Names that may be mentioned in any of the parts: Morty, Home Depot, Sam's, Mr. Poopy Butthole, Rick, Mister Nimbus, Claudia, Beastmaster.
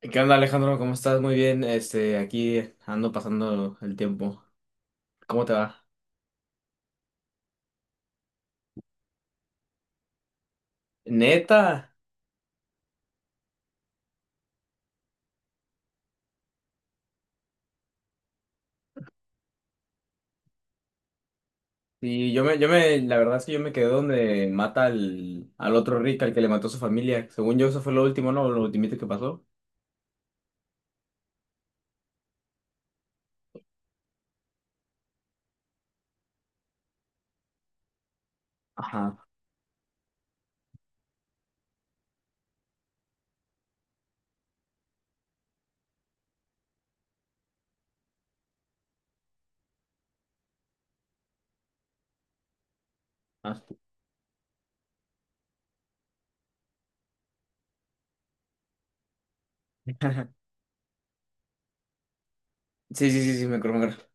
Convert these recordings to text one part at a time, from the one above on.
¿Qué onda, Alejandro? ¿Cómo estás? Muy bien. Aquí ando pasando el tiempo. ¿Cómo te va? Neta. Sí, la verdad es que yo me quedé donde mata al otro Rick, al que le mató a su familia. Según yo, eso fue lo último, ¿no? Lo ultimito que pasó. Ajá. Ah, sí, sí, sí, sí, me acuerdo. Me acuerdo.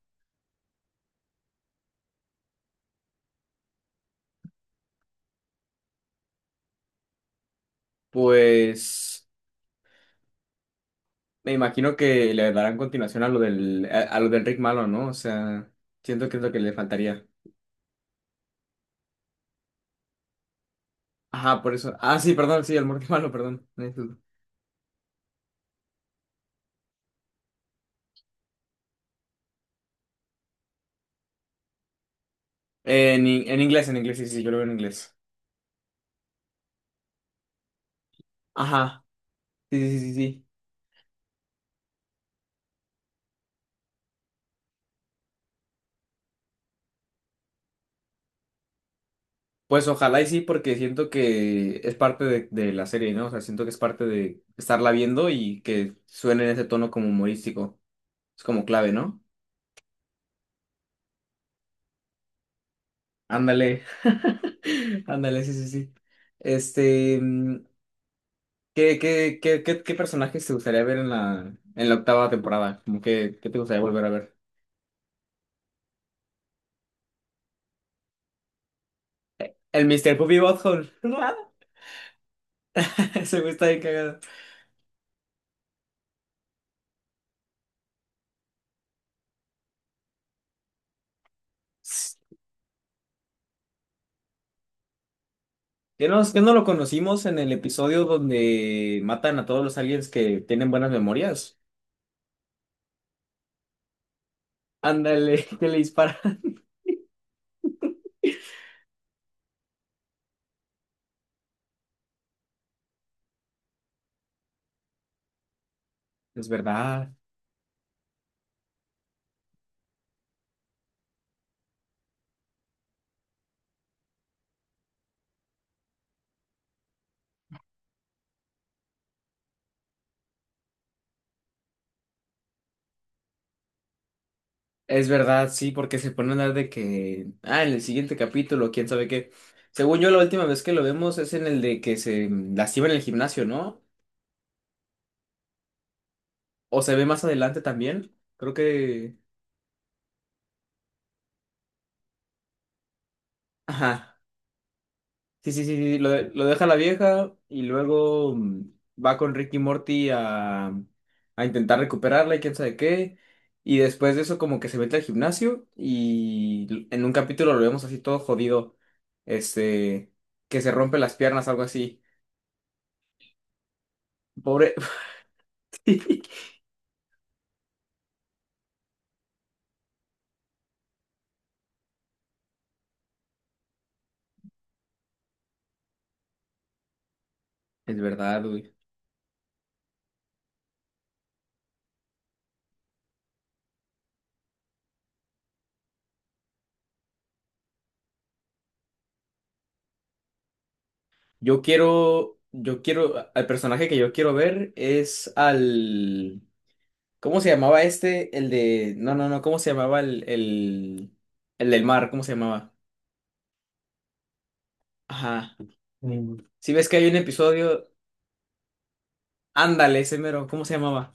Pues me imagino que le darán continuación a lo a lo del Rick malo, ¿no? O sea, siento que es lo que le faltaría. Ajá, por eso. Ah, sí, perdón, sí, el Morty malo, perdón. En inglés, en inglés, sí, sí, yo lo veo en inglés. Ajá, sí, sí, sí, sí. Pues ojalá y sí, porque siento que es parte de la serie, ¿no? O sea, siento que es parte de estarla viendo y que suene en ese tono como humorístico. Es como clave, ¿no? Ándale. Ándale, sí, sí, sí. Este, mm, ¿ qué personajes te gustaría ver en en la octava temporada? Como que, ¿qué te gustaría volver a ver? El Mr. Poopy Butthole. Ese güey está bien cagado. ¿Qué no lo conocimos en el episodio donde matan a todos los aliens que tienen buenas memorias? Ándale, que le dispara. Es verdad, es verdad, sí, porque se pone a hablar de que, ah, en el siguiente capítulo, quién sabe qué. Según yo, la última vez que lo vemos es en el de que se lastima en el gimnasio, ¿no? O se ve más adelante también. Creo que, ajá. Sí, sí, sí, sí, lo, de- lo deja la vieja y luego va con Ricky y Morty a intentar recuperarla y quién sabe qué. Y después de eso como que se mete al gimnasio y l- en un capítulo lo vemos así todo jodido, este, que se rompe las piernas, algo así. Pobre. Es verdad, güey. Yo quiero, al personaje que yo quiero ver es al... ¿Cómo se llamaba este? El de. No, no, no. ¿Cómo se llamaba el del mar? ¿Cómo se llamaba? Ajá. Mm. Si ves que hay un episodio. Ándale, ese mero. ¿Cómo se llamaba?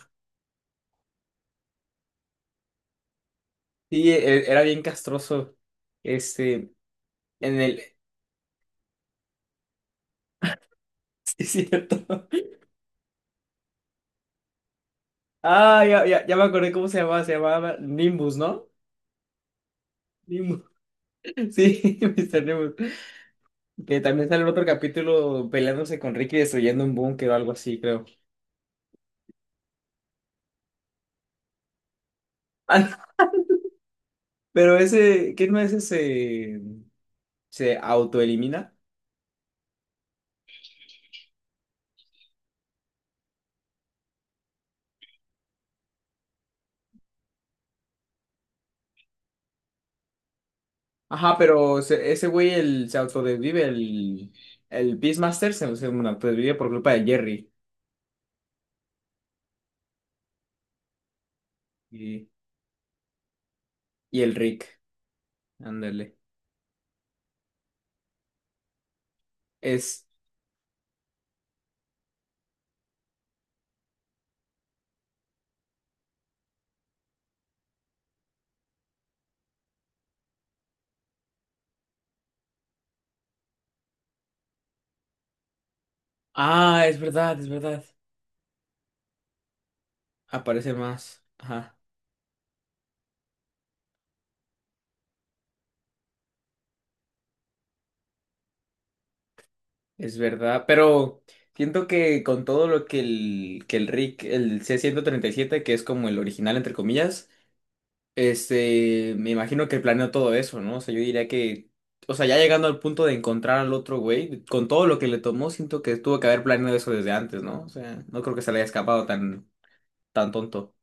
Sí, e- era bien castroso. Este. En el. Sí, es cierto. Ah, ya, ya, ya me acordé cómo se llamaba. Se llamaba Nimbus, ¿no? Nimbus. Sí, Mister Nimbus. Que también sale en otro capítulo peleándose con Ricky destruyendo un búnker o algo así, creo. Ah, no, pero ese. ¿Qué no es ese? Se autoelimina. Ajá, pero se- ese güey el, se autodesvive, el Beastmaster se autodesvive por culpa de Jerry y, y el Rick. Ándale. Es. Ah, es verdad, es verdad. Aparece más. Ajá, es verdad. Pero siento que con todo lo que el Rick, el c ciento treinta y siete que es como el original, entre comillas, me imagino que planeó todo eso, ¿no? O sea, yo diría que, o sea, ya llegando al punto de encontrar al otro güey, con todo lo que le tomó, siento que tuvo que haber planeado eso desde antes, ¿no? O sea, no creo que se le haya escapado tan tonto.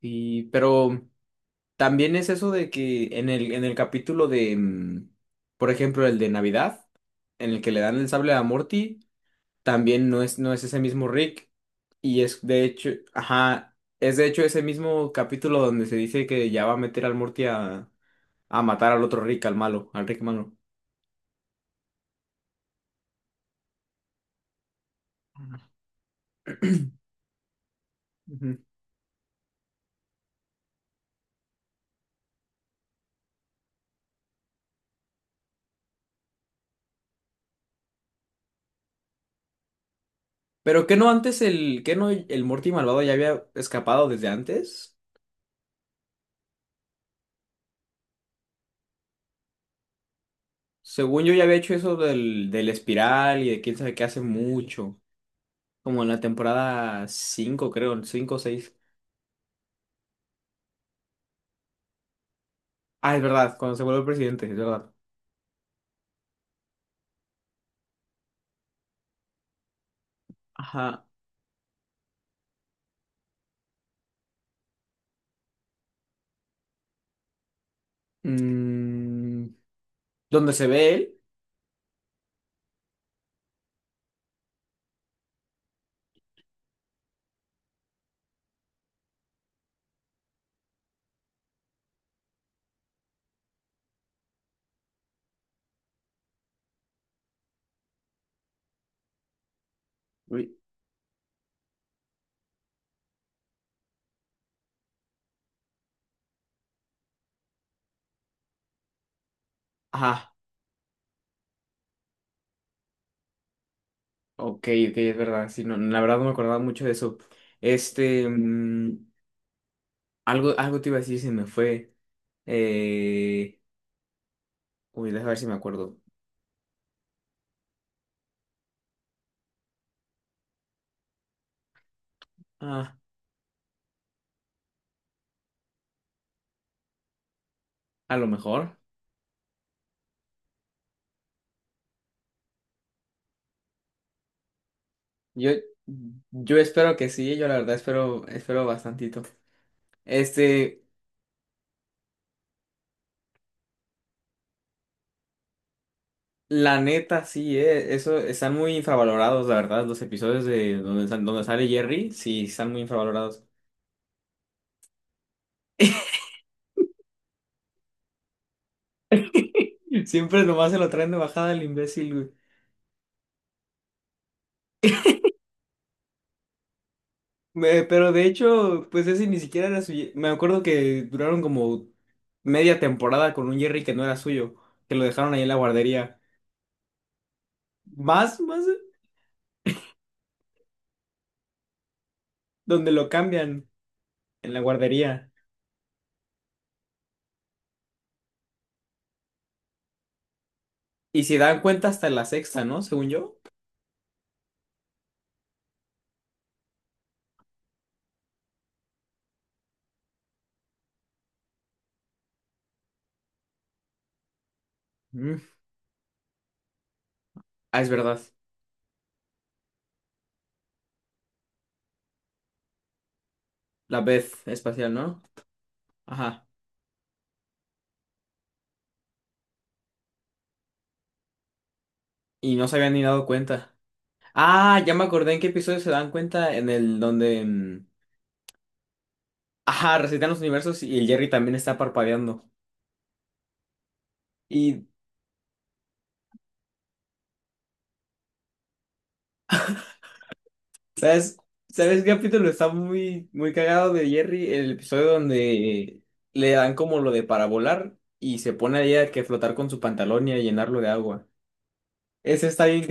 Pero también es eso de que en en el capítulo de, por ejemplo, el de Navidad, en el que le dan el sable a Morty. También no es, no es ese mismo Rick. Y es de hecho, ajá, es de hecho ese mismo capítulo donde se dice que ya va a meter al Morty a matar al otro Rick, al malo, al Rick malo. Ujú. Pero que no antes el, que no el Morty malvado ya había escapado desde antes. Según yo ya había hecho eso del espiral y de quién sabe qué hace mucho. Como en la temporada 5 creo, 5 o 6. Ah, es verdad, cuando se vuelve presidente, es verdad. Ajá. Mm, ¿dónde se ve él? Uy, ajá, ok, ok, es verdad. Sí, no, la verdad no me acordaba mucho de eso. Este, mm, algo, algo te iba a decir, se me fue. Eh, uy, déjame ver si me acuerdo. Ah, a lo mejor. Yo, yo espero que sí, yo la verdad espero, espero bastantito. Este, la neta, sí, eso, están muy infravalorados, la verdad, los episodios de donde, sal- donde sale Jerry, sí, están muy infravalorados. Siempre nomás se lo traen de bajada el imbécil, güey. Pero de hecho, pues ese ni siquiera era suyo. Me acuerdo que duraron como media temporada con un Jerry que no era suyo, que lo dejaron ahí en la guardería. Más, más, donde lo cambian en la guardería. Y se dan cuenta hasta la sexta, ¿no? Según yo. Mm. Ah, es verdad. La vez espacial, ¿no? Ajá. Y no se habían ni dado cuenta. Ah, ya me acordé en qué episodio se dan cuenta en el donde... ajá, recitan los universos y el Jerry también está parpadeando. Y ¿sabes? ¿Sabes qué capítulo está muy, muy cagado de Jerry? El episodio donde le dan como lo de para volar y se pone ahí a que flotar con su pantalón y a llenarlo de agua. Ese está bien.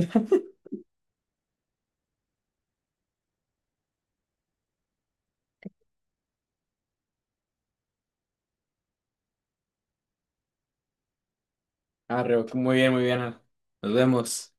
Arreo, muy bien, muy bien. Nos vemos.